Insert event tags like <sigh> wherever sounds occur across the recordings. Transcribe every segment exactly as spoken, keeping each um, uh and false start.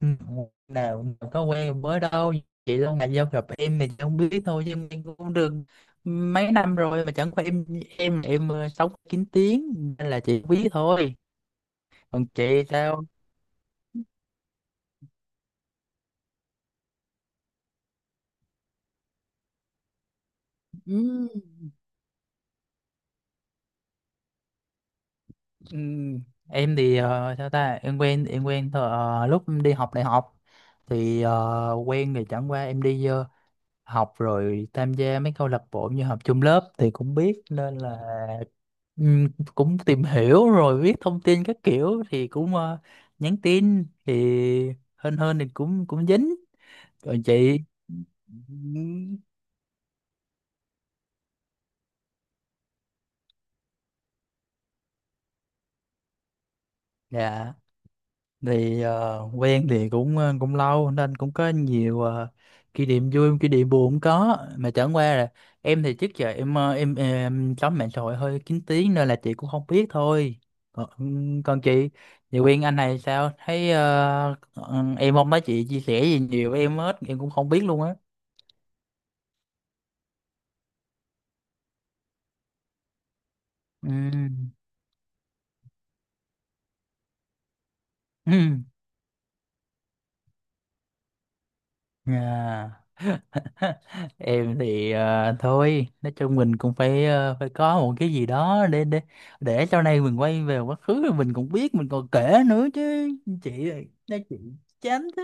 Ừ, nào nào có quen mới đâu. Chị lâu ngày giao gặp em thì chị không biết thôi, chứ em cũng được mấy năm rồi, mà chẳng qua em em em ờ, sống kín tiếng nên là chị biết thôi. Còn chị sao? Ừ. ừ, em thì ờ, sao ta, em quen em quen thờ, ờ, lúc em đi học đại học thì ờ, quen, thì chẳng qua em đi ờ, học rồi tham gia mấy câu lạc bộ, như học chung lớp thì cũng biết, nên là ừm, cũng tìm hiểu rồi biết thông tin các kiểu, thì cũng ờ, nhắn tin thì hên hên thì cũng cũng dính. Còn chị? ừm, dạ, thì ờ, quen thì cũng ờ, cũng lâu nên cũng có nhiều ờ, kỷ niệm vui, kỷ niệm buồn cũng có, mà chẳng qua là em thì trước giờ em ờ, em em chấm mạng xã hội hơi kín tiếng nên là chị cũng không biết thôi. Còn, còn chị chị quen anh này, sao thấy ờ, ờ, em không thấy chị chia sẻ gì nhiều với em hết, em cũng không biết luôn á. Ừ. Ừ. <clears throat> À. <laughs> Em thì ờ, thôi, nói chung mình cũng phải ờ, phải có một cái gì đó để để để sau này mình quay về quá khứ rồi mình cũng biết, mình còn kể nữa chứ. Chị nói, chị chán thế.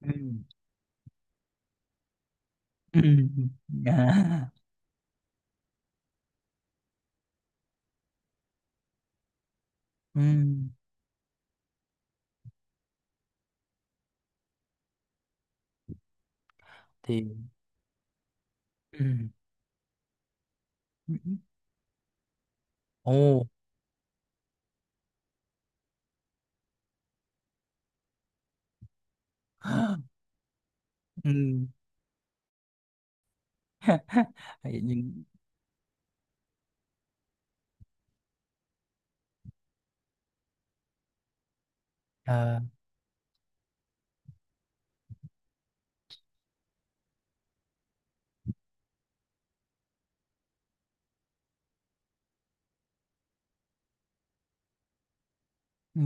Ừ. <laughs> Ừ. À. Ừ. Thì ừ. Ồ. <gasps> Ừ. <laughs> Nhưng ờ, ừ.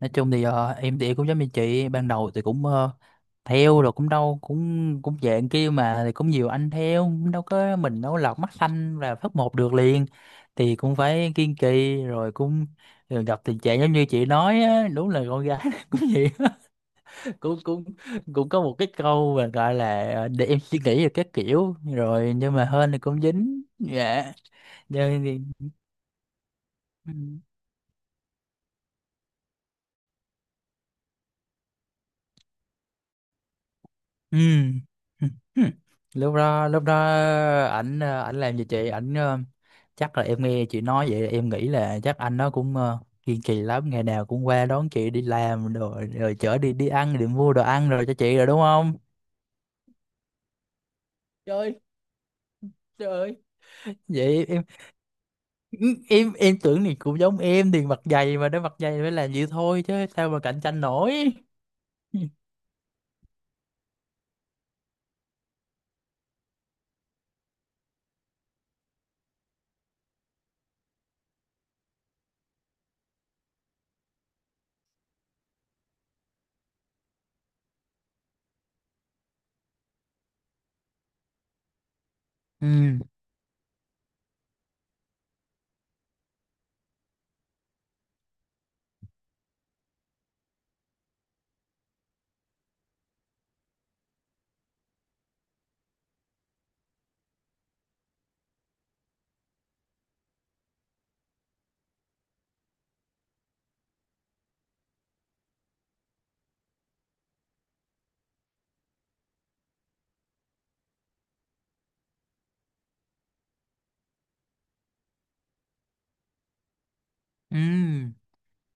Nói chung thì ờ, em thì cũng giống như chị, ban đầu thì cũng ờ, theo rồi cũng đâu, cũng cũng dạng kia mà, thì cũng nhiều anh theo, cũng đâu có mình, đâu có lọt mắt xanh là phát một được liền, thì cũng phải kiên trì, rồi cũng rồi gặp tình trạng giống như chị nói á, đúng là con gái <laughs> cũng vậy á. Cũng cũng cũng có một cái câu mà gọi là ờ, để em suy nghĩ về các kiểu rồi, nhưng mà hên thì cũng dính. Dạ. Nhưng thì ừ. Ừ. Ừ. Ừ. lúc đó lúc đó ảnh ờ, ảnh làm gì chị, ảnh ờ, chắc là em nghe chị nói vậy, em nghĩ là chắc anh nó cũng ờ, kiên trì lắm, ngày nào cũng qua đón chị đi làm, rồi rồi chở đi, đi ăn, đi mua đồ ăn rồi cho chị rồi, đúng không? Trời ơi, trời ơi. Vậy em ừ, em em tưởng thì cũng giống em, thì mặt dày mà, nó mặt dày phải làm vậy thôi, chứ sao mà cạnh tranh nổi. Ừ. Ừ. Ừ.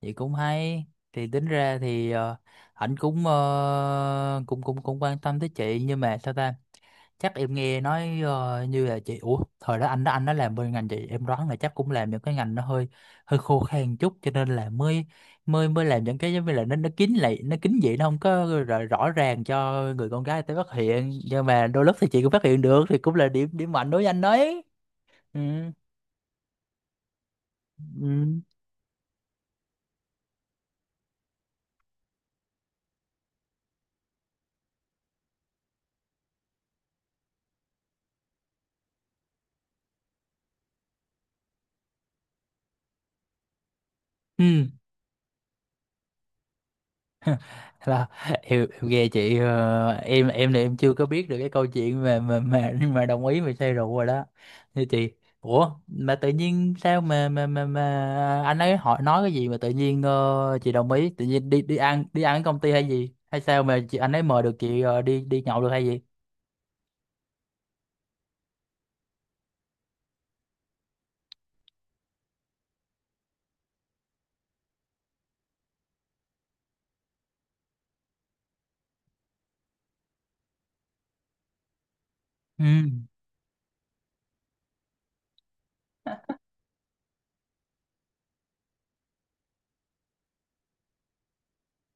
Vậy cũng hay, thì tính ra thì ờ, ảnh cũng ờ, cũng cũng cũng quan tâm tới chị, nhưng mà sao ta, chắc em nghe nói ờ, như là chị, ủa thời đó anh đó, anh đó làm bên ngành chị, em đoán là chắc cũng làm những cái ngành nó hơi hơi khô khan chút, cho nên là mới mới mới làm những cái giống như là nó nó kín lại, nó kín vậy, nó không có rõ, rõ ràng cho người con gái tới phát hiện, nhưng mà đôi lúc thì chị cũng phát hiện được, thì cũng là điểm điểm mạnh đối với anh đấy. Ừ. Ừ. Ừ là em, em nghe chị ờ, em em thì em chưa có biết được cái câu chuyện mà mà mà mà đồng ý mà say rượu rồi đó, như chị. Ủa mà tự nhiên sao mà mà mà mà anh ấy hỏi nói cái gì mà tự nhiên ờ, chị đồng ý tự nhiên, đi đi ăn, đi ăn ở công ty hay gì, hay sao mà chị, anh ấy mời được chị ờ, đi đi nhậu được hay gì? Ừ.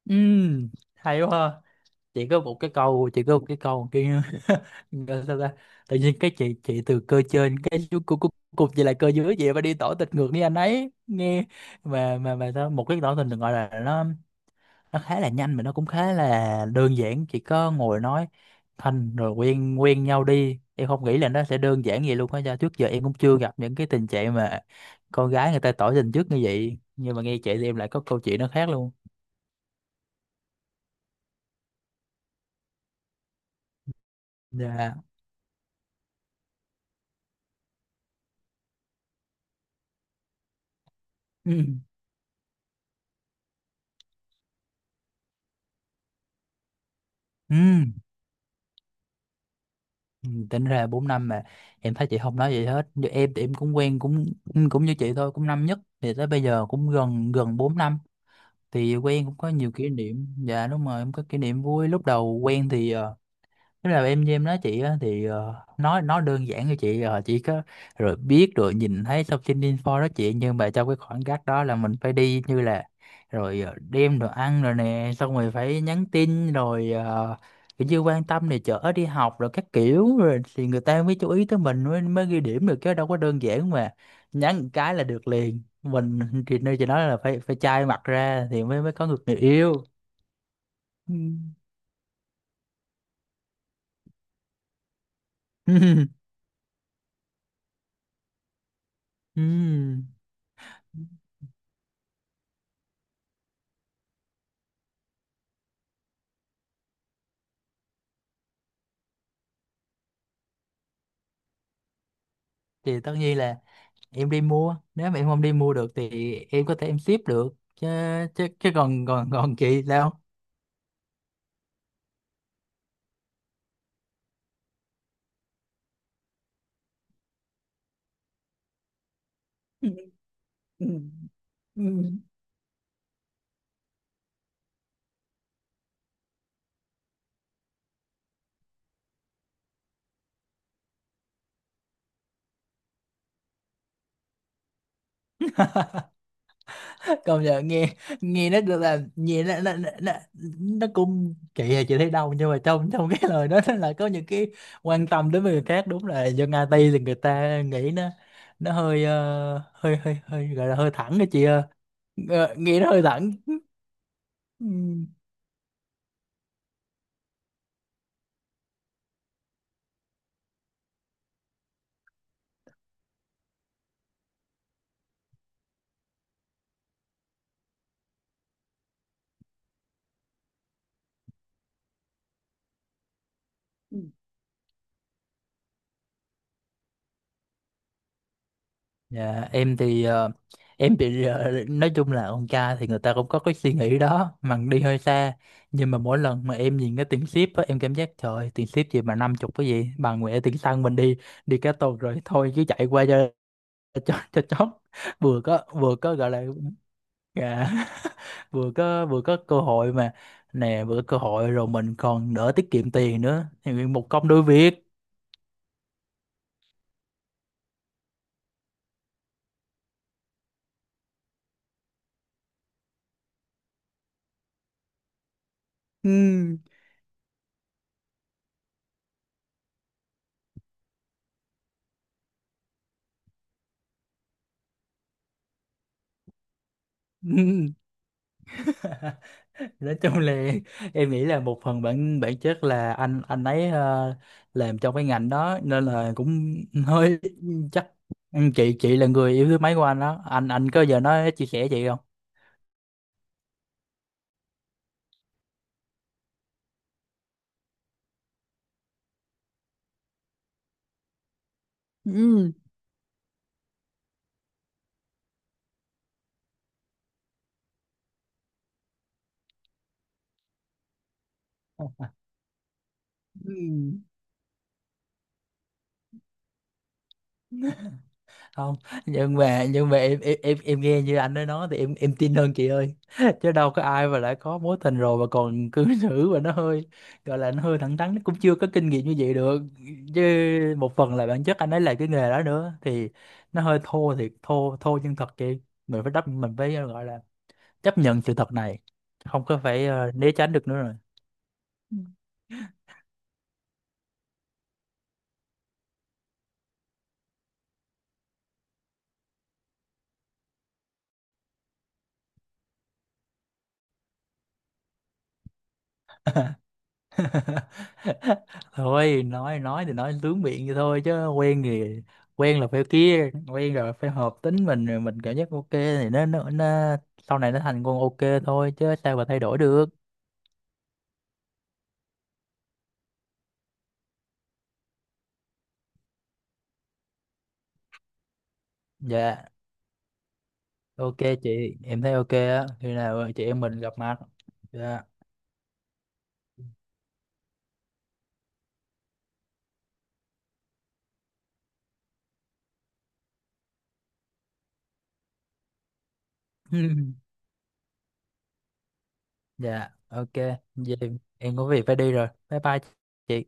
Ừ. Hay quá ha. Chỉ có một cái câu, chỉ có một cái câu kia. <laughs> Gọi sao ta, tự nhiên cái chị chị từ cơ trên cái chú cu- cu- cục gì là cơ dưới vậy, mà đi tỏ tình ngược, đi anh ấy nghe, mà mà mà sao một cái tỏ tình được, gọi là nó nó khá là nhanh, mà nó cũng khá là đơn giản, chỉ có ngồi nói thành rồi quen quen nhau đi. Em không nghĩ là nó sẽ đơn giản vậy luôn á, do trước giờ em cũng chưa gặp những cái tình trạng mà con gái người ta tỏ tình trước như vậy, nhưng mà nghe chị thì em lại có câu chuyện nó khác luôn. Dạ. Ừ. Ừ. Ừ, tính ra bốn năm mà em thấy chị không nói gì hết, như em thì em cũng quen cũng ừ, cũng như chị thôi, cũng năm nhất thì tới bây giờ cũng gần gần bốn năm, thì quen cũng có nhiều kỷ niệm. Dạ, đúng rồi, em có kỷ niệm vui lúc đầu quen thì ờ, thế là em với em nói chị á, thì ờ, nói nói đơn giản cho chị ờ, chỉ có rồi biết, rồi nhìn thấy thông tin info đó chị, nhưng mà trong cái khoảng cách đó là mình phải đi như là, rồi ờ, đem đồ ăn rồi nè, xong rồi phải nhắn tin rồi ờ, kiểu như quan tâm này, chở đi học rồi các kiểu, rồi thì người ta mới chú ý tới mình, mới mới ghi điểm được, chứ đâu có đơn giản mà nhắn một cái là được liền mình. Thì nơi chị nói là phải phải chai mặt ra thì mới mới có được người yêu. Ừ. <laughs> Ừ. Thì tất nhiên là em đi mua, nếu mà em không đi mua được thì em có thể em ship được chứ. Chứ, chứ còn còn còn chị sao? <laughs> Ừ. Ừ. Ừ. Công nhận, nghe nghe nó được, là nghe nó nó nó, nó, nó cũng kỳ, là chị thấy đâu, nhưng mà trong trong cái lời đó nó là có những cái quan tâm đến người khác. Đúng là dân i tê thì người ta nghĩ nó nó hơi ờ, hơi hơi hơi gọi là hơi thẳng đó chị ơi. Ờ, nghe nó hơi thẳng. Ừ. Dạ, em thì ờ, em bị ờ, nói chung là con trai thì người ta cũng có cái suy nghĩ đó mà đi hơi xa, nhưng mà mỗi lần mà em nhìn cái tiền ship á em cảm giác trời ơi, tiền ship gì mà năm chục, cái gì bà nguyện, tiền xăng mình đi, đi cả tuần rồi, thôi chứ chạy qua cho cho cho chót, vừa có vừa có gọi là dạ, <laughs> vừa có vừa có cơ hội mà, nè vừa có cơ hội rồi mình còn đỡ tiết kiệm tiền nữa, thì một công đôi việc. Ừ. <laughs> Nói chung là em nghĩ là một phần bản bản chất là anh anh ấy ờ, làm trong cái ngành đó nên là cũng hơi, chắc, chị chị là người yêu thứ mấy của anh đó, anh anh có giờ nói chia sẻ chị không? Ừ. <laughs> Ừ. Không, nhưng mà nhưng mà em em em, em nghe như anh ấy nói thì em em tin hơn chị ơi <laughs> chứ đâu có ai mà đã có mối tình rồi mà còn cư xử, và <laughs> nó hơi gọi là nó hơi thẳng thắn, nó cũng chưa có kinh nghiệm như vậy được chứ. Một phần là bản chất anh ấy là cái nghề đó nữa, thì nó hơi thô thiệt, thô thô nhưng thật chị. Mình phải đắp, mình phải gọi là chấp nhận sự thật này, không có phải ờ, né tránh được nữa rồi. <laughs> Thôi, nói nói thì nói lướng miệng vậy thôi, chứ quen thì quen là phải kia, quen rồi phải hợp tính mình, rồi mình cảm giác ok thì nó, nó nó sau này nó thành con ok, thôi chứ sao mà thay đổi được. Dạ ok chị, em thấy ok á, khi nào chị em mình gặp mặt. Dạ. <laughs> Dạ ok. Vậy em có việc phải đi rồi, bye bye chị.